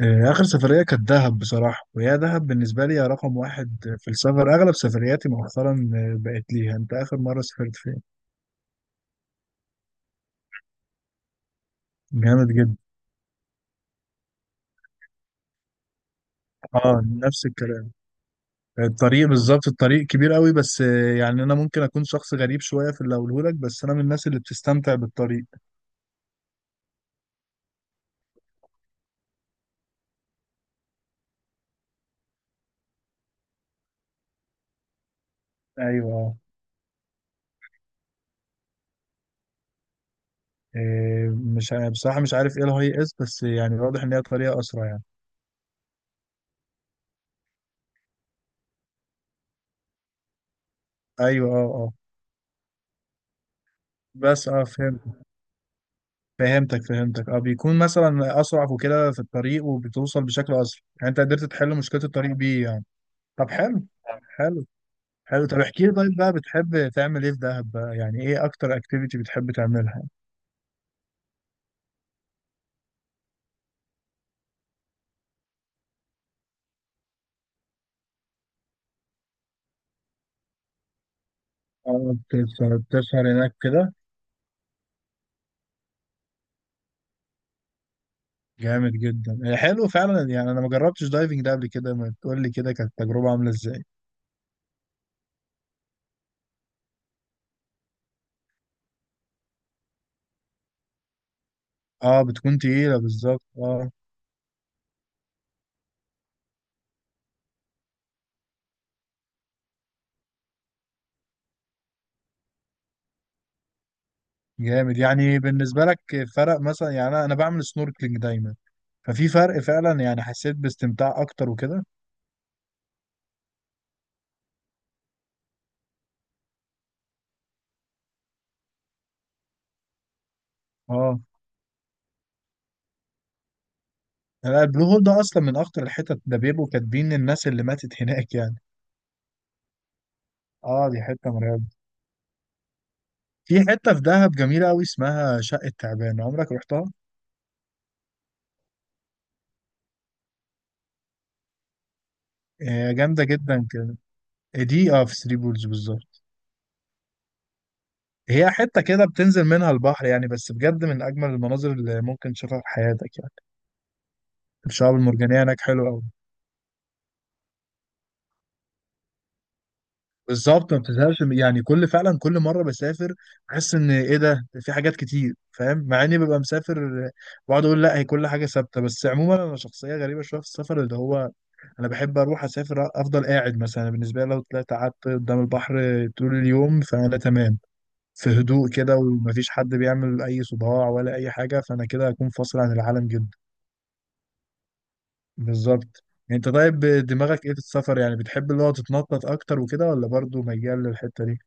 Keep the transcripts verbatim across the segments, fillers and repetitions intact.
آه، آخر سفرية كانت دهب بصراحة، وهي دهب بالنسبة لي هي رقم واحد في السفر. أغلب سفرياتي مؤخرا آه، بقت ليها. أنت آخر مرة سافرت فين؟ جامد جدا. أه، نفس الكلام. الطريق بالظبط، الطريق كبير قوي بس آه، يعني أنا ممكن أكون شخص غريب شوية في اللي أقوله لك، بس أنا من الناس اللي بتستمتع بالطريق. أيوه. آه، مش ع- بصراحة مش عارف إيه الهاي إس، بس يعني واضح إن هي طريقة أسرع يعني. أيوه، أه أه. بس أه فهمت. فهمتك فهمتك اه، بيكون مثلا اسرع وكده في الطريق، وبتوصل بشكل اسرع. يعني انت قدرت تحل مشكله الطريق بيه يعني. طب حلو. حلو. حلو، طب احكي لي. طيب بقى بتحب تعمل ايه في دهب بقى؟ يعني ايه اكتر اكتيفيتي بتحب تعملها؟ اه، بتسهر؟ بتسهر هناك كده؟ جامد جدا هي. حلو فعلا. يعني انا ما جربتش دايفنج ده قبل كده، ما تقول لي كده كانت التجربه عامله ازاي. اه، بتكون تقيله بالظبط، اه. جامد. يعني بالنسبه لك فرق مثلا؟ يعني انا أنا بعمل سنوركلينج دايما، ففي فرق فعلا يعني. حسيت باستمتاع اكتر وكده. اه، لا البلو هول ده اصلا من اخطر الحتت، ده بيبقوا كاتبين الناس اللي ماتت هناك يعني. اه دي حته مرعبه. في حته في دهب جميله قوي اسمها شقه تعبان، عمرك رحتها؟ هي جامده جدا كده. دي اه في ثري بولز بالظبط. هي حته كده بتنزل منها البحر، يعني بس بجد من اجمل المناظر اللي ممكن تشوفها في حياتك يعني. الشعاب المرجانيه هناك حلوه قوي. بالظبط، ما بتزهقش من- يعني كل فعلا كل مره بسافر بحس ان ايه، ده في حاجات كتير، فاهم؟ مع اني ببقى مسافر آه، بقعد اقول لا هي كل حاجه ثابته. بس عموما انا شخصيه غريبه شويه في السفر، اللي هو انا بحب اروح اسافر، افضل قاعد. مثلا بالنسبه لي لو طلعت قعدت قدام البحر طول اليوم فانا تمام، في هدوء كده ومفيش حد بيعمل اي صداع ولا اي حاجه، فانا كده هكون فاصل عن العالم جدا. بالظبط. انت طيب دماغك ايه في السفر؟ يعني بتحب اللي هو تتنطط اكتر وكده، ولا برضه ميال للحته دي؟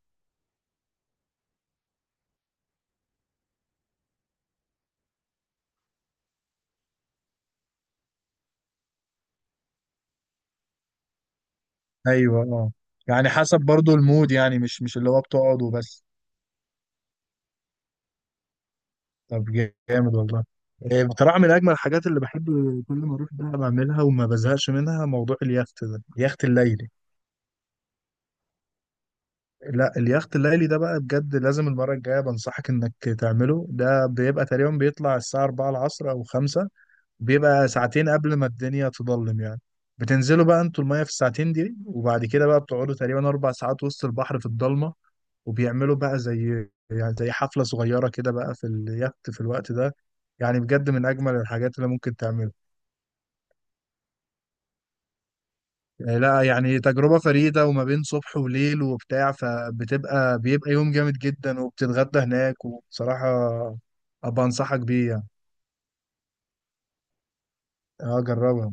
ايوه اه. يعني حسب برضو المود، يعني مش مش اللي هو بتقعد وبس. طب جامد والله. إيه، بصراحة من أجمل الحاجات اللي بحب كل ما أروح بقى بعملها وما بزهقش منها موضوع اليخت ده، اليخت الليلي. لا اليخت الليلي ده بقى بجد لازم المرة الجاية بنصحك إنك تعمله. ده بيبقى تقريبا بيطلع الساعة أربعة العصر أو خمسة، بيبقى ساعتين قبل ما الدنيا تضلم يعني. بتنزلوا بقى انتوا المية في الساعتين دي، وبعد كده بقى بتقعدوا تقريبا أربع ساعات وسط البحر في الضلمة. وبيعملوا بقى زي يعني زي حفلة صغيرة كده بقى في اليخت في الوقت ده. يعني بجد من أجمل الحاجات اللي ممكن تعملها. يعني لا يعني تجربة فريدة، وما بين صبح وليل وبتاع، فبتبقى بيبقى يوم جامد جدا، وبتتغدى هناك، وبصراحة أبقى أنصحك بيه يعني. أه جربها.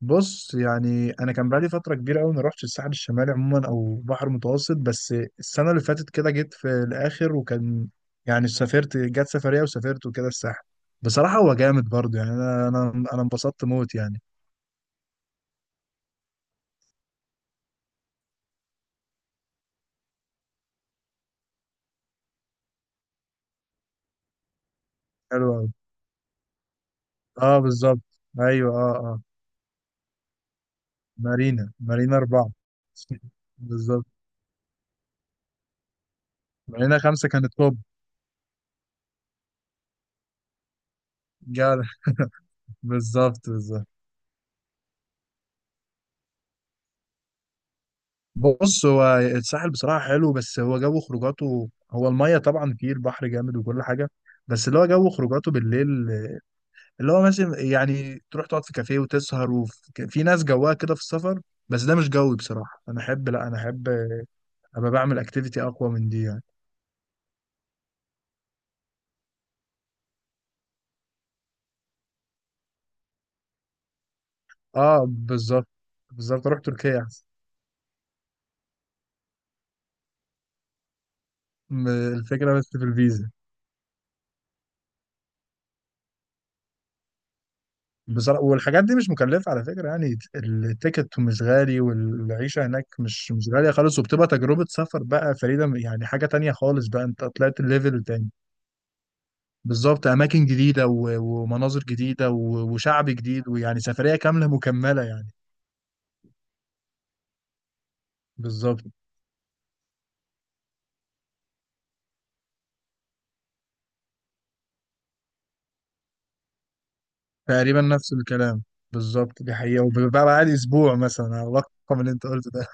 بص، يعني انا كان بقالي فتره كبيره قوي ما روحتش الساحل الشمالي عموما او بحر متوسط. بس السنه اللي فاتت كده جيت في الاخر، وكان يعني سافرت، جت سفريه وسافرت وكده الساحل. بصراحه هو جامد برضه يعني. انا انا انا انبسطت موت يعني. حلو قوي. اه بالظبط. ايوه اه اه. مارينا مارينا اربعه. بالظبط. مارينا خمسه كانت توب. جدع. بالظبط بالظبط. بص، هو الساحل بصراحة حلو، بس هو جو خروجاته، هو المية طبعا فيه البحر جامد وكل حاجة، بس اللي هو جو خروجاته بالليل، اللي هو مثلا يعني تروح تقعد في كافيه وتسهر، وفي في ناس جواها كده في السفر، بس ده مش جوي بصراحة. أنا أحب لا أنا أحب أبقى بعمل أكتيفيتي أقوى من دي يعني. أه بالظبط. بالظبط، أروح تركيا أحسن. م- الفكرة بس في الفيزا. بصراحة والحاجات دي مش مكلفة على فكرة يعني. التيكت مش غالي، والعيشة هناك مش مش غالية خالص، وبتبقى تجربة سفر بقى فريدة يعني. حاجة تانية خالص بقى، انت طلعت الليفل تاني. بالظبط، أماكن جديدة و- ومناظر جديدة و- وشعب جديد، ويعني سفرية كاملة مكملة يعني. بالظبط. تقريبا نفس الكلام. بالظبط، دي حقيقة. وبقى بعد أسبوع مثلا على الرقم اللي أنت قلته ده.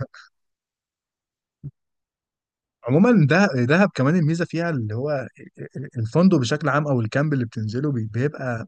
عموما ده دهب كمان الميزة فيها اللي هو الفندق بشكل عام أو الكامب اللي بتنزله، بي- بيبقى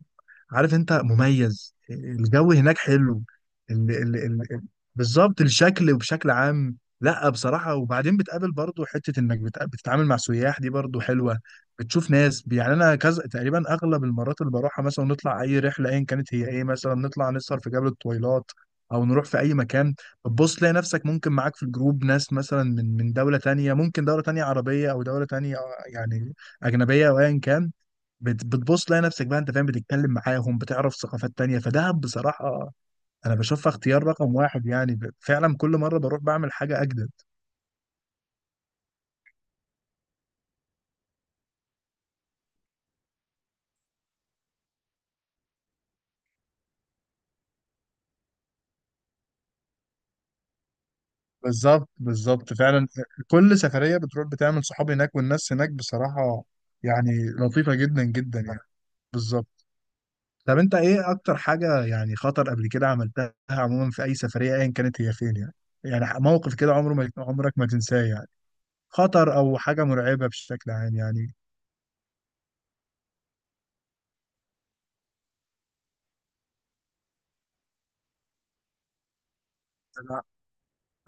عارف انت مميز، الجو هناك حلو. ال ال ال بالظبط الشكل وبشكل عام. لا بصراحة، وبعدين بتقابل برضو حتة انك بتق- بتتعامل مع سياح، دي برضو حلوة. بتشوف ناس يعني. انا كذا تقريبا اغلب المرات اللي بروحها مثلا نطلع اي رحلة، ايا كانت هي ايه، مثلا نطلع نسهر في جبل الطويلات او نروح في اي مكان. بتبص تلاقي نفسك ممكن معاك في الجروب ناس مثلا من من دولة تانية، ممكن دولة تانية عربية او دولة تانية يعني اجنبية او ايا كان. بت- بتبص تلاقي نفسك بقى انت فاهم، بتتكلم معاهم، بتعرف ثقافات تانية. فدهب بصراحة انا بشوفها اختيار رقم واحد يعني. ب- فعلا كل مرة بروح بعمل حاجة اجدد. بالظبط بالظبط فعلا. كل سفرية بتروح بتعمل صحاب هناك. والناس هناك بصراحة يعني لطيفة جدا جدا يعني. بالظبط. طب انت ايه اكتر حاجة يعني خطر قبل كده عملتها عموما في اي سفرية، ايا كانت هي فين يعني، يعني موقف كده عمره ما عمرك ما تنساه يعني. خطر او حاجة مرعبة بشكل عام يعني.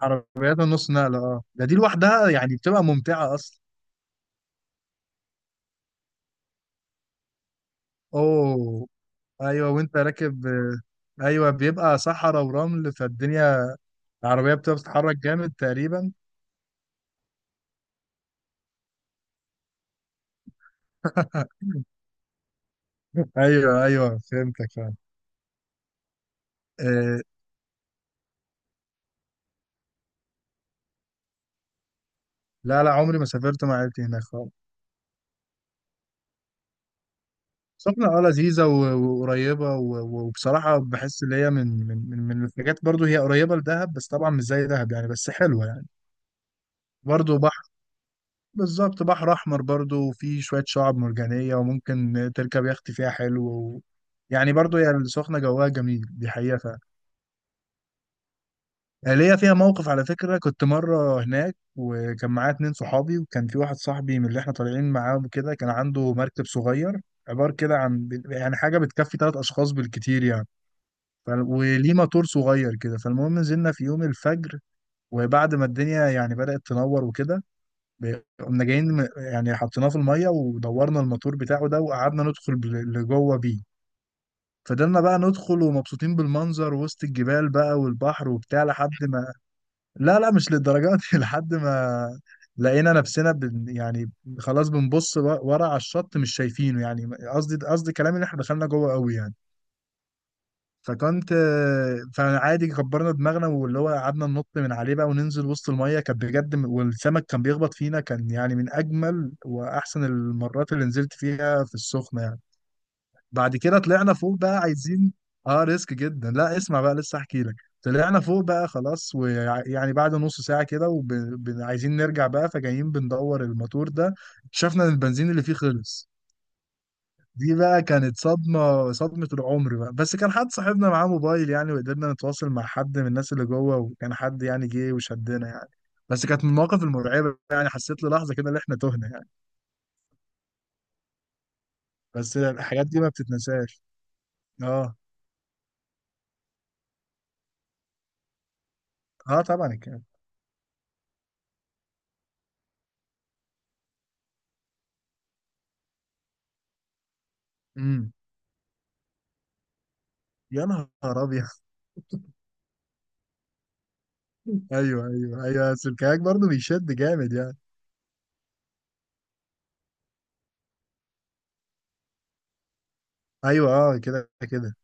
عربيات النص نقلة، اه ده دي لوحدها يعني بتبقى ممتعة أصلا. أوه. أيوه وأنت راكب آه، أيوه. بيبقى صحراء ورمل، فالدنيا العربية بتبقى بتتحرك جامد تقريبا. أيوه أيوه فهمتك فعلا. آه. لا لا عمري ما سافرت مع عيلتي هناك خالص. سخنة اه لذيذة و- وقريبة و- و- وبصراحة بحس إن هي من من من من الحاجات، برضو هي قريبة لدهب، بس طبعا مش زي دهب يعني، بس حلوة يعني. برضو بالظبط، بحر احمر برضو، وفيه شويه شعاب مرجانيه، وممكن تركب يخت فيها حلو و... يعني برضو هي السخنه جواها جميل، دي حقيقه فعلا. آه، ليا فيها موقف على فكره. كنت مره هناك وكان معايا اتنين صحابي، وكان في واحد صاحبي من اللي احنا طالعين معاه وكده كان عنده مركب صغير، عبارة كده عن يعني حاجة بتكفي تلات أشخاص بالكتير يعني. ف... وليه موتور صغير كده. فالمهم نزلنا في يوم الفجر، وبعد ما الدنيا يعني بدأت تنور وكده ب- قمنا جايين م- يعني حطيناه في الميه ودورنا الموتور بتاعه ده، وقعدنا ندخل بل- لجوه بيه. فضلنا بقى ندخل ومبسوطين بالمنظر وسط الجبال بقى والبحر وبتاع لحد ما. لا لا مش للدرجات دي. لحد ما لقينا نفسنا بن يعني خلاص، بنبص و- ورا على الشط مش شايفينه يعني. قصدي قصدي كلامي ان احنا دخلنا جوه قوي يعني. فكنت آه، فعادي كبرنا دماغنا، واللي هو قعدنا ننط من عليه بقى وننزل وسط المية. كانت بجد م- والسمك كان بيخبط فينا، كان يعني من أجمل وأحسن المرات اللي نزلت فيها في السخنة يعني. بعد كده طلعنا فوق بقى عايزين. اه ريسك جدا، لا اسمع بقى لسه احكي لك. طلعنا فوق بقى خلاص، ويعني بعد نص ساعة كده وعايزين نرجع بقى، فجايين بندور الموتور ده شفنا ان البنزين اللي فيه خلص. دي بقى كانت صدمة صدمة العمر بقى. بس كان حد صاحبنا معاه موبايل يعني، وقدرنا نتواصل مع حد من الناس اللي جوه، وكان حد يعني جه وشدنا يعني. بس كانت من المواقف المرعبة يعني. حسيت للحظة كده ان احنا تهنا يعني. بس الحاجات دي ما بتتنساش. اه اه طبعا الكلام. امم، يا نهار ابيض. ايوه ايوه ايوه. بس الكاك برضه بيشد جامد يعني. ايوه اه كده كده.